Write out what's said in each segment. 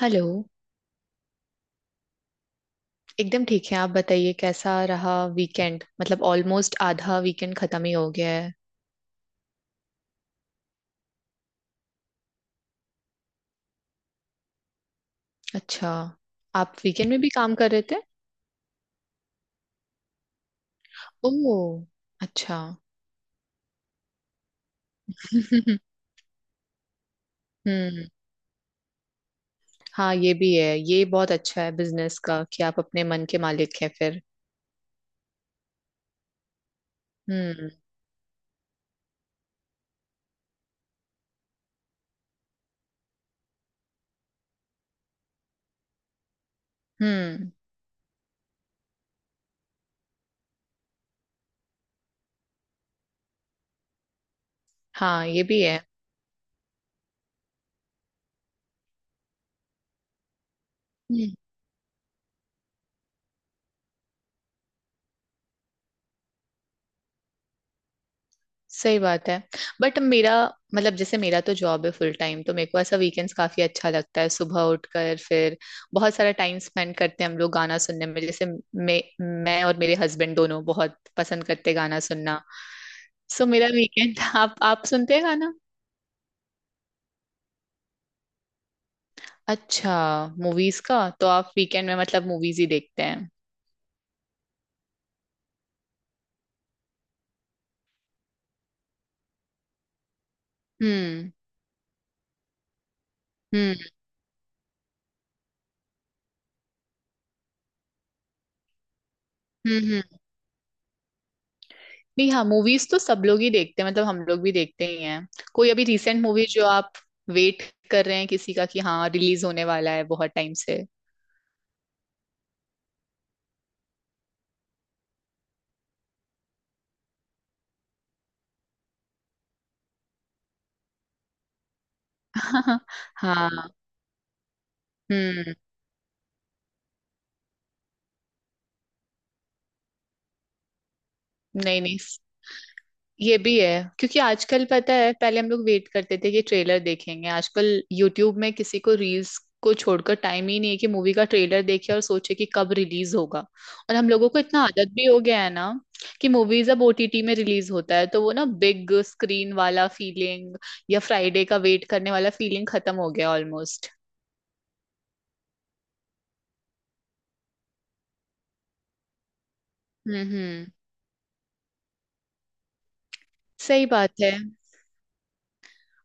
Hello. एकदम ठीक है। आप बताइए कैसा रहा वीकेंड? मतलब ऑलमोस्ट आधा वीकेंड खत्म ही हो गया है। अच्छा। आप वीकेंड में भी काम कर रहे थे? ओह, अच्छा। हम्म। हाँ ये भी है, ये बहुत अच्छा है बिजनेस का कि आप अपने मन के मालिक हैं फिर। हम्म। हम्म। हाँ ये भी है। हम्म। सही बात है। बट मेरा मतलब जैसे मेरा तो जॉब है फुल टाइम, तो मेरे को ऐसा वीकेंड्स काफी अच्छा लगता है, सुबह उठकर फिर बहुत सारा टाइम स्पेंड करते हैं हम लोग गाना सुनने में। जैसे मैं मैं और मेरे हस्बैंड दोनों बहुत पसंद करते हैं गाना सुनना। सो मेरा वीकेंड। आप सुनते हैं गाना? अच्छा। मूवीज का तो आप वीकेंड में मतलब मूवीज ही देखते हैं? हम्म। हम्म। हम्म भी। हाँ, मूवीज तो सब लोग ही देखते हैं, मतलब हम लोग भी देखते ही हैं। कोई अभी रिसेंट मूवी जो आप वेट कर रहे हैं किसी का कि हाँ रिलीज होने वाला है बहुत टाइम से? हाँ। हम्म। नहीं नहीं, ये भी है। क्योंकि आजकल पता है, पहले हम लोग वेट करते थे कि ट्रेलर देखेंगे, आजकल यूट्यूब में किसी को रील्स को छोड़कर टाइम ही नहीं है कि मूवी का ट्रेलर देखे और सोचे कि कब रिलीज होगा। और हम लोगों को इतना आदत भी हो गया है ना कि मूवीज अब ओटीटी में रिलीज होता है, तो वो ना बिग स्क्रीन वाला फीलिंग या फ्राइडे का वेट करने वाला फीलिंग खत्म हो गया ऑलमोस्ट। हम्म। हम्म। सही बात है।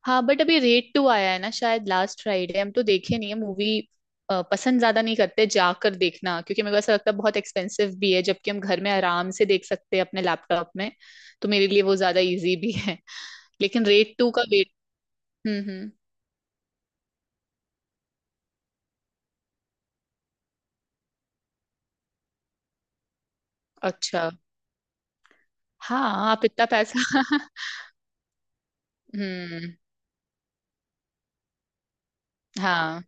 हाँ, बट अभी रेड टू आया है ना शायद लास्ट फ्राइडे, हम तो देखे नहीं है मूवी। पसंद ज्यादा नहीं करते जाकर देखना, क्योंकि मेरे को ऐसा लगता है बहुत एक्सपेंसिव भी है, जबकि हम घर में आराम से देख सकते हैं अपने लैपटॉप में। तो मेरे लिए वो ज्यादा इजी भी है। लेकिन रेड टू का वेट। हम्म। हम्म। अच्छा। हाँ आप इतना पैसा। हम्म। हाँ।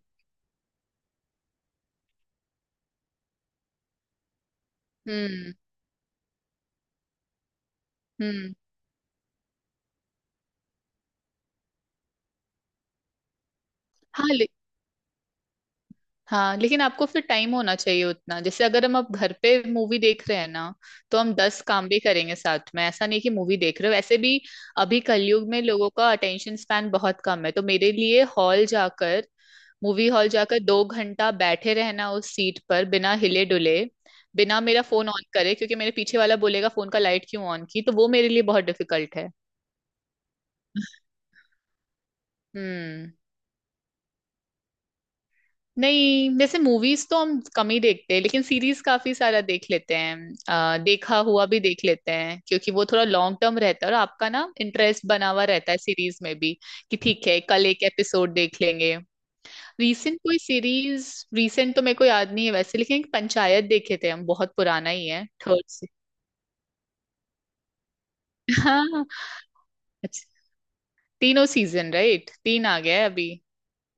हम्म। हम्म। हाँ हाँ, लेकिन आपको फिर टाइम होना चाहिए उतना। जैसे अगर हम अब घर पे मूवी देख रहे हैं ना, तो हम दस काम भी करेंगे साथ में, ऐसा नहीं कि मूवी देख रहे हो वैसे भी। अभी कलयुग में लोगों का अटेंशन स्पैन बहुत कम है, तो मेरे लिए हॉल जाकर मूवी हॉल जाकर दो घंटा बैठे रहना उस सीट पर बिना हिले डुले, बिना मेरा फोन ऑन करे, क्योंकि मेरे पीछे वाला बोलेगा फोन का लाइट क्यों ऑन की, तो वो मेरे लिए बहुत डिफिकल्ट है। हम्म। नहीं वैसे मूवीज तो हम कम ही देखते हैं, लेकिन सीरीज काफी सारा देख लेते हैं। देखा हुआ भी देख लेते हैं, क्योंकि वो थोड़ा लॉन्ग टर्म रहता है और आपका ना इंटरेस्ट बना हुआ रहता है सीरीज में भी, कि ठीक है कल एक एपिसोड देख लेंगे। रीसेंट कोई सीरीज? रीसेंट तो मेरे को याद नहीं है वैसे, लेकिन एक पंचायत देखे थे हम, बहुत पुराना ही है, थर्ड से। हाँ। अच्छा। तीनों सीजन राइट? तीन आ गया है अभी।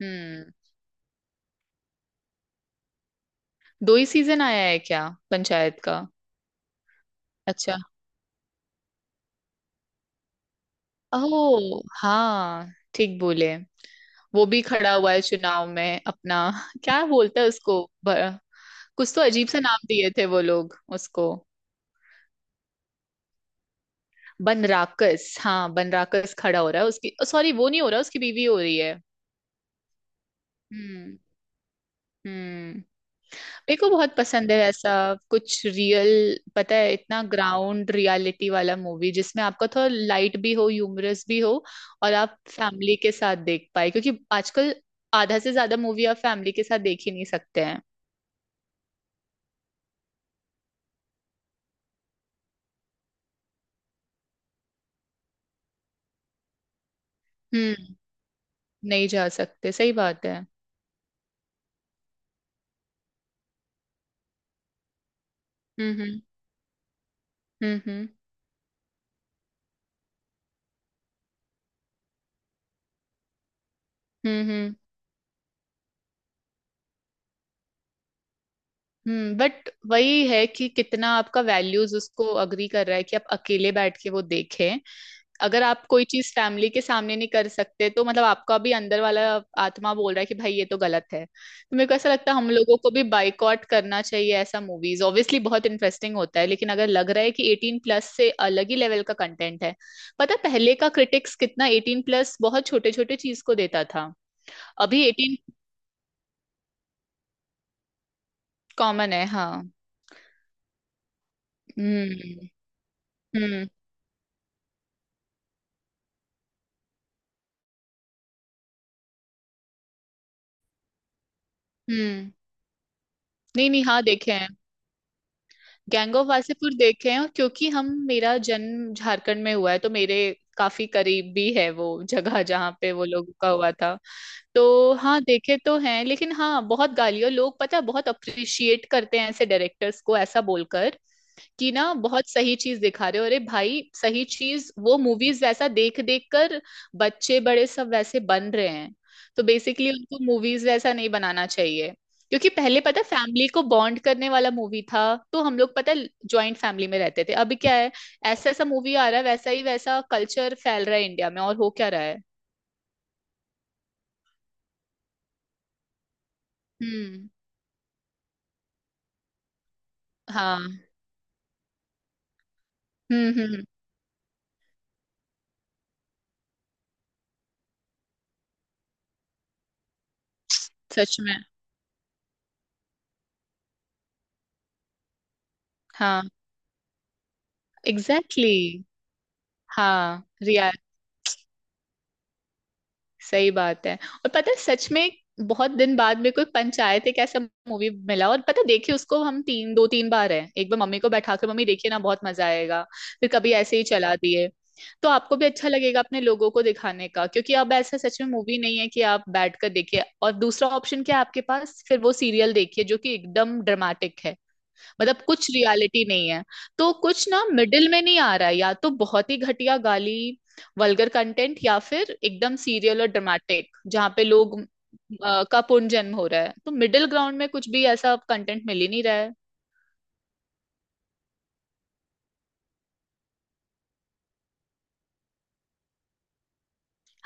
हम्म। दो ही सीजन आया है क्या पंचायत का? अच्छा। ओह हाँ, ठीक बोले। वो भी खड़ा हुआ है चुनाव में अपना। क्या बोलता है उसको? कुछ तो अजीब सा नाम दिए थे वो लोग उसको। बनराकस, हाँ बनराकस खड़ा हो रहा है उसकी, सॉरी वो नहीं हो रहा उसकी बीवी हो रही है। हम्म। हम्म। मेरे को बहुत पसंद है ऐसा कुछ रियल, पता है, इतना ग्राउंड रियलिटी वाला मूवी जिसमें आपका थोड़ा लाइट भी हो, ह्यूमरस भी हो, और आप फैमिली के साथ देख पाए। क्योंकि आजकल आधा से ज्यादा मूवी आप फैमिली के साथ देख ही नहीं सकते हैं। हम्म। नहीं जा सकते, सही बात है। हम्म। हम्म। हम्म। हम्म। हम्म। हम्म। हम्म। बट वही है कि कितना आपका वैल्यूज उसको अग्री कर रहा है कि आप अकेले बैठ के वो देखें। अगर आप कोई चीज फैमिली के सामने नहीं कर सकते, तो मतलब आपका भी अंदर वाला आत्मा बोल रहा है कि भाई ये तो गलत है, तो मेरे को ऐसा लगता है हम लोगों को भी बाइकॉट करना चाहिए ऐसा मूवीज। ऑब्वियसली बहुत इंटरेस्टिंग होता है, लेकिन अगर लग रहा है कि एटीन प्लस से अलग ही लेवल का कंटेंट है। पता है पहले का क्रिटिक्स कितना एटीन प्लस बहुत छोटे छोटे चीज को देता था, अभी एटीन कॉमन है हाँ। हम्म। हम्म। हम्म। नहीं नहीं, हाँ देखे हैं, गैंग ऑफ वासेपुर देखे हैं, और क्योंकि हम, मेरा जन्म झारखंड में हुआ है, तो मेरे काफी करीब भी है वो जगह जहाँ पे वो लोगों का हुआ था। तो हाँ देखे तो हैं, लेकिन हाँ बहुत गालियों। लोग पता है बहुत अप्रिशिएट करते हैं ऐसे डायरेक्टर्स को, ऐसा बोलकर कि ना बहुत सही चीज दिखा रहे हो। अरे भाई, सही चीज वो मूवीज वैसा देख देख कर बच्चे बड़े सब वैसे बन रहे हैं। तो बेसिकली उनको मूवीज वैसा नहीं बनाना चाहिए। क्योंकि पहले पता, फैमिली को बॉन्ड करने वाला मूवी था, तो हम लोग पता ज्वाइंट फैमिली में रहते थे, अभी क्या है? ऐसा ऐसा मूवी आ रहा है, वैसा ही वैसा कल्चर फैल रहा है इंडिया में, और हो क्या रहा है? हम्म। हाँ। हम्म। हम्म। सच में। हाँ एग्जैक्टली, exactly। हाँ सही बात है। और पता है सच में, बहुत दिन बाद में कोई पंचायत एक ऐसा मूवी मिला, और पता है, देखिए उसको हम तीन दो तीन बार है, एक बार मम्मी को बैठा के, मम्मी देखिए ना बहुत मजा आएगा, फिर कभी ऐसे ही चला दिए। तो आपको भी अच्छा लगेगा अपने लोगों को दिखाने का, क्योंकि अब ऐसा सच में मूवी नहीं है कि आप बैठ कर देखिए, और दूसरा ऑप्शन क्या है आपके पास? फिर वो सीरियल देखिए जो कि एकदम ड्रामेटिक है, मतलब कुछ रियलिटी नहीं है। तो कुछ ना मिडिल में नहीं आ रहा है, या तो बहुत ही घटिया गाली वल्गर कंटेंट, या फिर एकदम सीरियल और ड्रामेटिक जहाँ पे लोग का पुनर्जन्म हो रहा है, तो मिडिल ग्राउंड में कुछ भी ऐसा कंटेंट मिल ही नहीं रहा है।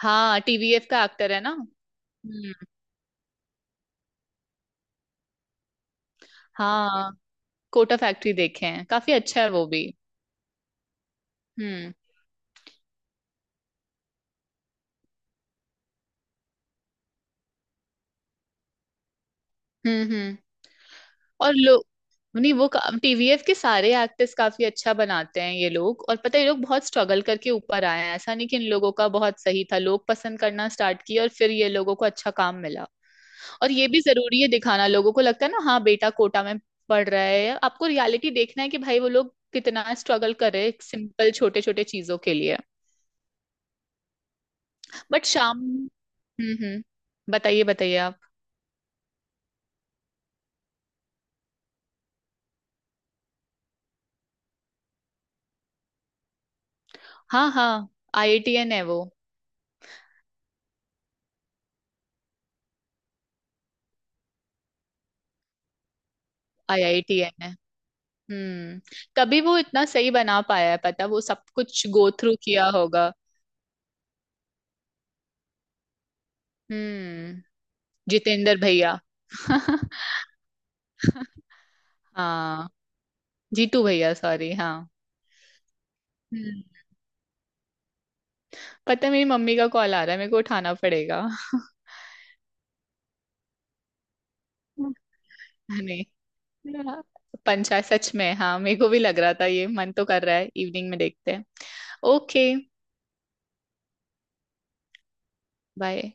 हाँ टीवीएफ का एक्टर है ना। हम्म। हाँ, कोटा फैक्ट्री देखे हैं, काफी अच्छा है वो भी। हम्म। हम्म। हम्म। और लोग, नहीं वो टीवीएफ के सारे एक्टर्स काफी अच्छा बनाते हैं ये लोग, और पता है ये लोग बहुत स्ट्रगल करके ऊपर आए हैं, ऐसा नहीं कि इन लोगों का बहुत सही था, लोग पसंद करना स्टार्ट किए और फिर ये लोगों को अच्छा काम मिला। और ये भी जरूरी है दिखाना, लोगों को लगता है ना हाँ बेटा कोटा में पढ़ रहा है, आपको रियलिटी देखना है कि भाई वो लोग कितना स्ट्रगल कर रहे हैं सिंपल छोटे छोटे चीजों के लिए। बट शाम। हम्म। हम्म। बताइए बताइए आप। हाँ हाँ, आईआईटीएन है वो। आईआईटीएन। हम्म। तभी वो इतना सही बना पाया है, पता वो सब कुछ गो थ्रू किया होगा। हम्म। जितेंद्र भैया। हाँ जीतू भैया, सॉरी, हाँ। हम्म। पता है मेरी मम्मी का कॉल आ रहा है, मेरे को उठाना पड़ेगा। नहीं, पंचायत सच में, हाँ मेरे को भी लग रहा था ये, मन तो कर रहा है इवनिंग में देखते हैं। ओके। बाय।